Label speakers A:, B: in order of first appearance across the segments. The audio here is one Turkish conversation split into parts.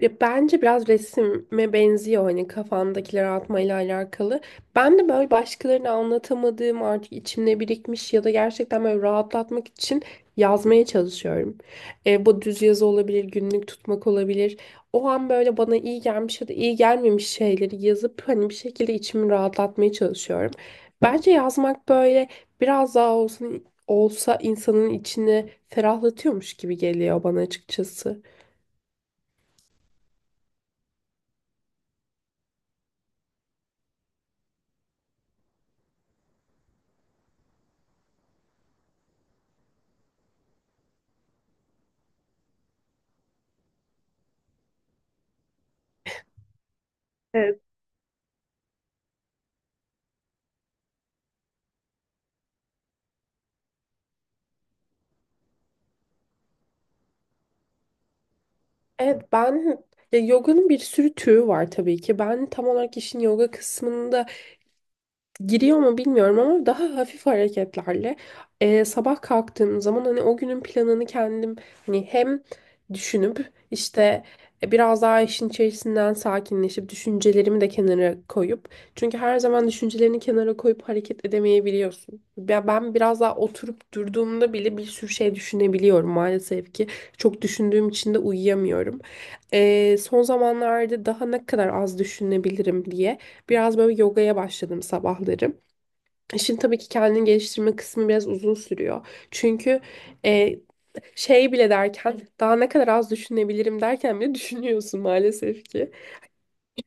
A: Ya bence biraz resime benziyor hani kafamdakileri atmayla alakalı. Ben de böyle başkalarına anlatamadığım artık içimde birikmiş ya da gerçekten böyle rahatlatmak için yazmaya çalışıyorum. Bu düz yazı olabilir, günlük tutmak olabilir. O an böyle bana iyi gelmiş ya da iyi gelmemiş şeyleri yazıp hani bir şekilde içimi rahatlatmaya çalışıyorum. Bence yazmak böyle biraz daha olsun olsa insanın içini ferahlatıyormuş gibi geliyor bana açıkçası. Evet, ben ya yoganın bir sürü türü var tabii ki. Ben tam olarak işin yoga kısmında giriyor mu bilmiyorum, ama daha hafif hareketlerle sabah kalktığım zaman hani o günün planını kendim hani hem düşünüp işte biraz daha işin içerisinden sakinleşip düşüncelerimi de kenara koyup çünkü her zaman düşüncelerini kenara koyup hareket edemeyebiliyorsun. Ben biraz daha oturup durduğumda bile bir sürü şey düşünebiliyorum maalesef ki çok düşündüğüm için de uyuyamıyorum. Son zamanlarda daha ne kadar az düşünebilirim diye. Biraz böyle yogaya başladım sabahları. İşin tabii ki kendini geliştirme kısmı biraz uzun sürüyor. Çünkü e, şey bile derken daha ne kadar az düşünebilirim derken bile düşünüyorsun maalesef ki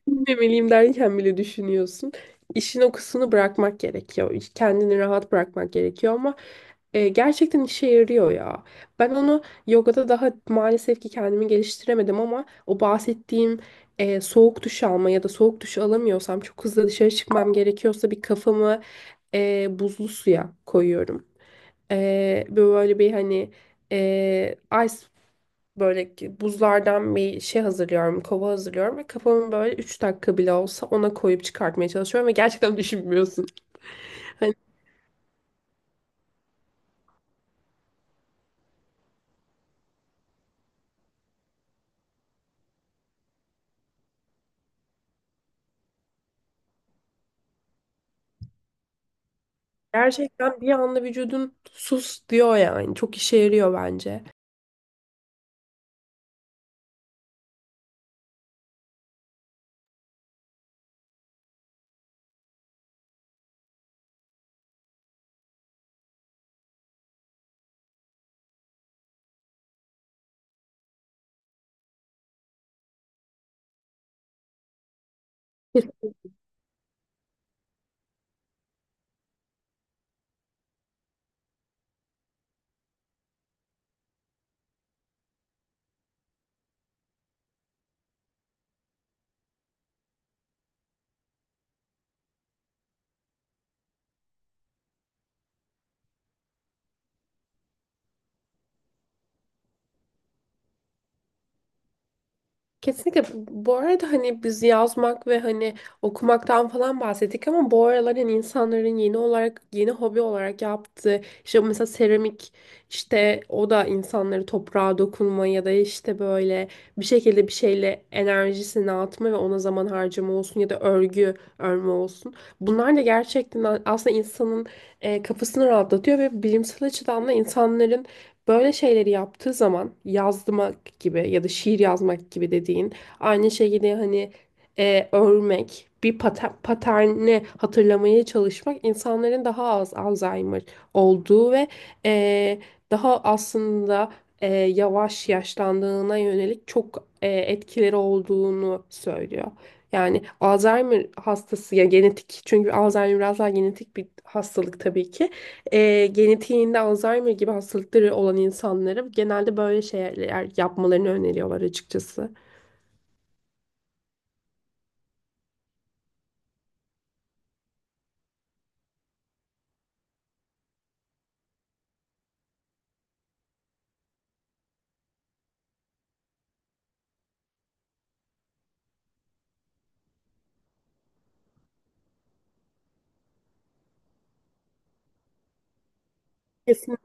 A: demeliyim derken bile düşünüyorsun. İşin o kısmını bırakmak gerekiyor. Kendini rahat bırakmak gerekiyor, ama gerçekten işe yarıyor ya. Ben onu yogada daha maalesef ki kendimi geliştiremedim, ama o bahsettiğim soğuk duş alma ya da soğuk duş alamıyorsam çok hızlı dışarı çıkmam gerekiyorsa bir kafamı buzlu suya koyuyorum. Böyle bir hani e, ice böyle ki buzlardan bir şey hazırlıyorum, kova hazırlıyorum ve kafamı böyle 3 dakika bile olsa ona koyup çıkartmaya çalışıyorum ve gerçekten düşünmüyorsun. Hani gerçekten bir anda vücudun sus diyor yani. Çok işe yarıyor bence. Kesinlikle. Bu arada hani biz yazmak ve hani okumaktan falan bahsettik, ama bu aralar hani insanların yeni olarak yeni hobi olarak yaptığı işte mesela seramik işte o da insanları toprağa dokunma ya da işte böyle bir şekilde bir şeyle enerjisini atma ve ona zaman harcama olsun ya da örgü örme olsun. Bunlar da gerçekten aslında insanın kafasını rahatlatıyor ve bilimsel açıdan da insanların böyle şeyleri yaptığı zaman yazmak gibi ya da şiir yazmak gibi dediğin aynı şekilde hani örmek bir paterni hatırlamaya çalışmak insanların daha az Alzheimer olduğu ve e, daha aslında yavaş yaşlandığına yönelik çok etkileri olduğunu söylüyor. Yani Alzheimer hastası ya genetik çünkü Alzheimer biraz daha genetik bir hastalık tabii ki genetiğinde Alzheimer gibi hastalıkları olan insanları genelde böyle şeyler yapmalarını öneriyorlar açıkçası. Kesin,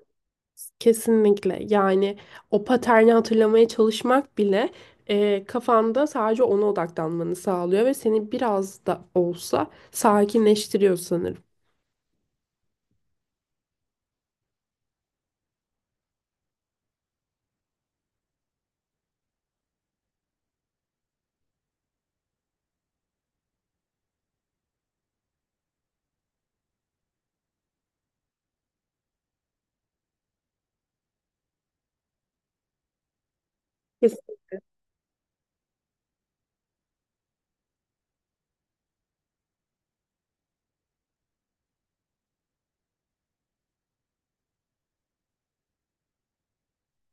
A: Kesinlikle. Yani o paterni hatırlamaya çalışmak bile kafanda sadece ona odaklanmanı sağlıyor ve seni biraz da olsa sakinleştiriyor sanırım.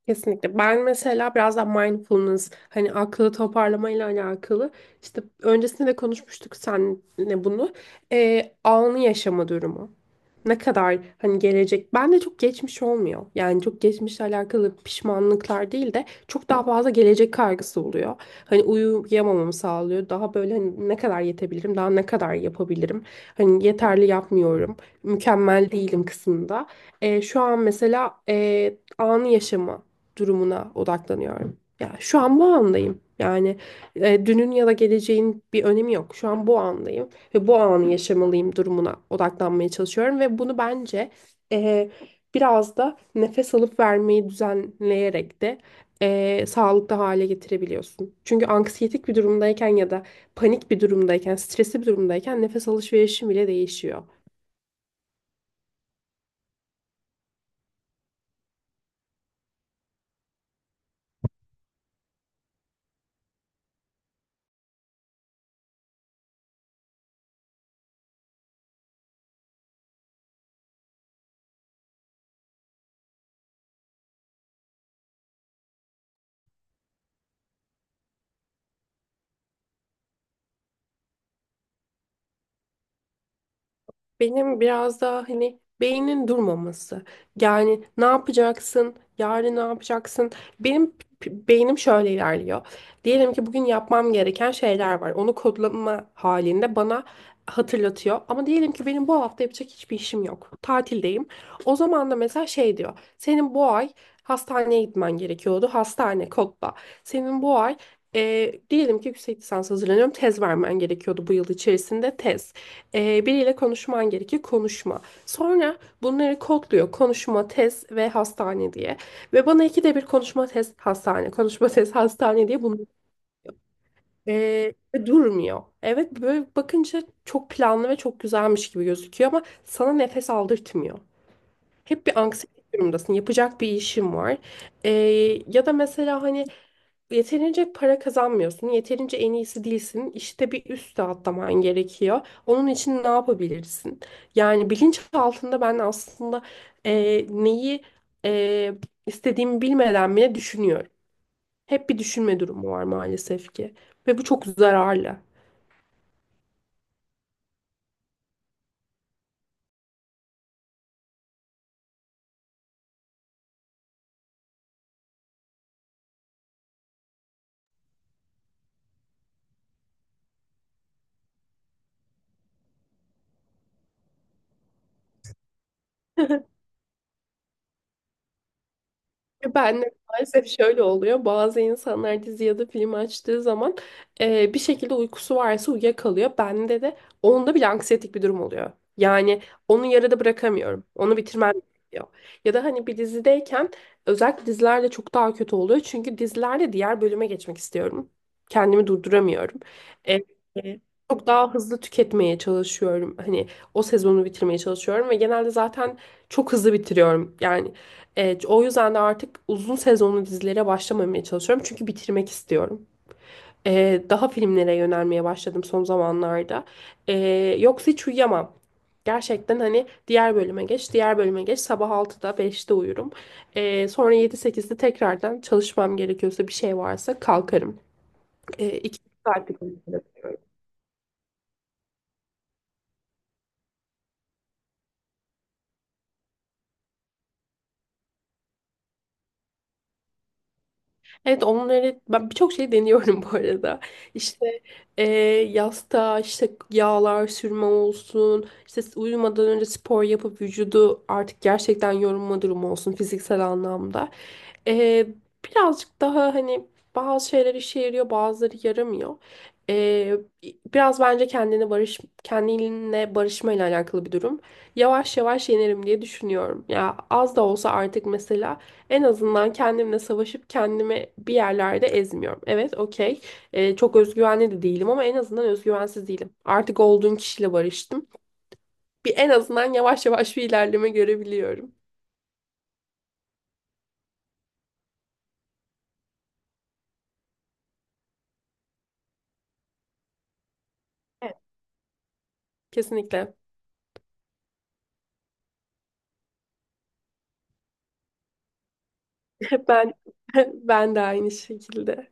A: Kesinlikle. Ben mesela biraz da mindfulness, hani aklı toparlamayla alakalı. İşte öncesinde de konuşmuştuk seninle bunu. Anı yaşama durumu. Ne kadar hani gelecek. Ben de çok geçmiş olmuyor. Yani çok geçmişle alakalı pişmanlıklar değil de çok daha fazla gelecek kaygısı oluyor. Hani uyuyamamamı sağlıyor. Daha böyle hani ne kadar yetebilirim, daha ne kadar yapabilirim. Hani yeterli yapmıyorum. Mükemmel değilim kısmında. Şu an mesela anı yaşama durumuna odaklanıyorum. Yani şu an bu andayım. Yani dünün ya da geleceğin bir önemi yok. Şu an bu andayım ve bu anı yaşamalıyım durumuna odaklanmaya çalışıyorum ve bunu bence e, biraz da nefes alıp vermeyi düzenleyerek de sağlıklı hale getirebiliyorsun. Çünkü anksiyetik bir durumdayken ya da panik bir durumdayken, stresli bir durumdayken nefes alışverişin bile değişiyor. Benim biraz daha hani beynin durmaması. Yani ne yapacaksın? Yarın ne yapacaksın? Benim beynim şöyle ilerliyor. Diyelim ki bugün yapmam gereken şeyler var. Onu kodlama halinde bana hatırlatıyor. Ama diyelim ki benim bu hafta yapacak hiçbir işim yok. Tatildeyim. O zaman da mesela şey diyor. Senin bu ay hastaneye gitmen gerekiyordu. Hastane kodla. Senin bu ay diyelim ki yüksek lisans hazırlanıyorum. Tez vermen gerekiyordu bu yıl içerisinde. Tez. Biriyle konuşman gerekiyor. Konuşma. Sonra bunları kodluyor. Konuşma, tez ve hastane diye. Ve bana ikide bir konuşma, tez, hastane. Konuşma, tez, hastane diye bunu ve durmuyor. Evet, böyle bakınca çok planlı ve çok güzelmiş gibi gözüküyor, ama sana nefes aldırtmıyor. Hep bir anksiyete durumdasın. Yapacak bir işim var. Ee, Ya da mesela hani yeterince para kazanmıyorsun, yeterince en iyisi değilsin. İşte bir üste atlaman gerekiyor. Onun için ne yapabilirsin? Yani bilinç altında ben aslında neyi e, istediğimi bilmeden bile düşünüyorum. Hep bir düşünme durumu var maalesef ki. Ve bu çok zararlı. Ben de maalesef şöyle oluyor. Bazı insanlar dizi ya da film açtığı zaman bir şekilde uykusu varsa uyuyakalıyor. Bende de onda bile anksiyetik bir durum oluyor. Yani onu yarıda bırakamıyorum. Onu bitirmem gerekiyor. Ya da hani bir dizideyken özellikle dizilerde çok daha kötü oluyor. Çünkü dizilerde diğer bölüme geçmek istiyorum. Kendimi durduramıyorum. E, e, Çok daha hızlı tüketmeye çalışıyorum. Hani o sezonu bitirmeye çalışıyorum ve genelde zaten çok hızlı bitiriyorum. Yani evet, o yüzden de artık uzun sezonlu dizilere başlamamaya çalışıyorum. Çünkü bitirmek istiyorum. Daha filmlere yönelmeye başladım son zamanlarda. Yoksa hiç uyuyamam. Gerçekten hani diğer bölüme geç, diğer bölüme geç. Sabah 6'da 5'te uyurum. Sonra 7 8'de tekrardan çalışmam gerekiyorsa bir şey varsa kalkarım. 2 saatlik uyku. Evet, onları ben birçok şey deniyorum bu arada. İşte e, yastığa işte yağlar sürme olsun. İşte uyumadan önce spor yapıp vücudu artık gerçekten yorulma durumu olsun fiziksel anlamda. E, Birazcık daha hani bazı şeyler işe yarıyor bazıları yaramıyor. E, Biraz bence kendine barış kendinle barışmayla alakalı bir durum. Yavaş yavaş yenerim diye düşünüyorum. Ya az da olsa artık mesela en azından kendimle savaşıp kendimi bir yerlerde ezmiyorum. Evet, okey. Çok özgüvenli de değilim, ama en azından özgüvensiz değilim. Artık olduğum kişiyle barıştım. Bir en azından yavaş yavaş bir ilerleme görebiliyorum. Evet. Kesinlikle. Hep ben ben de aynı şekilde.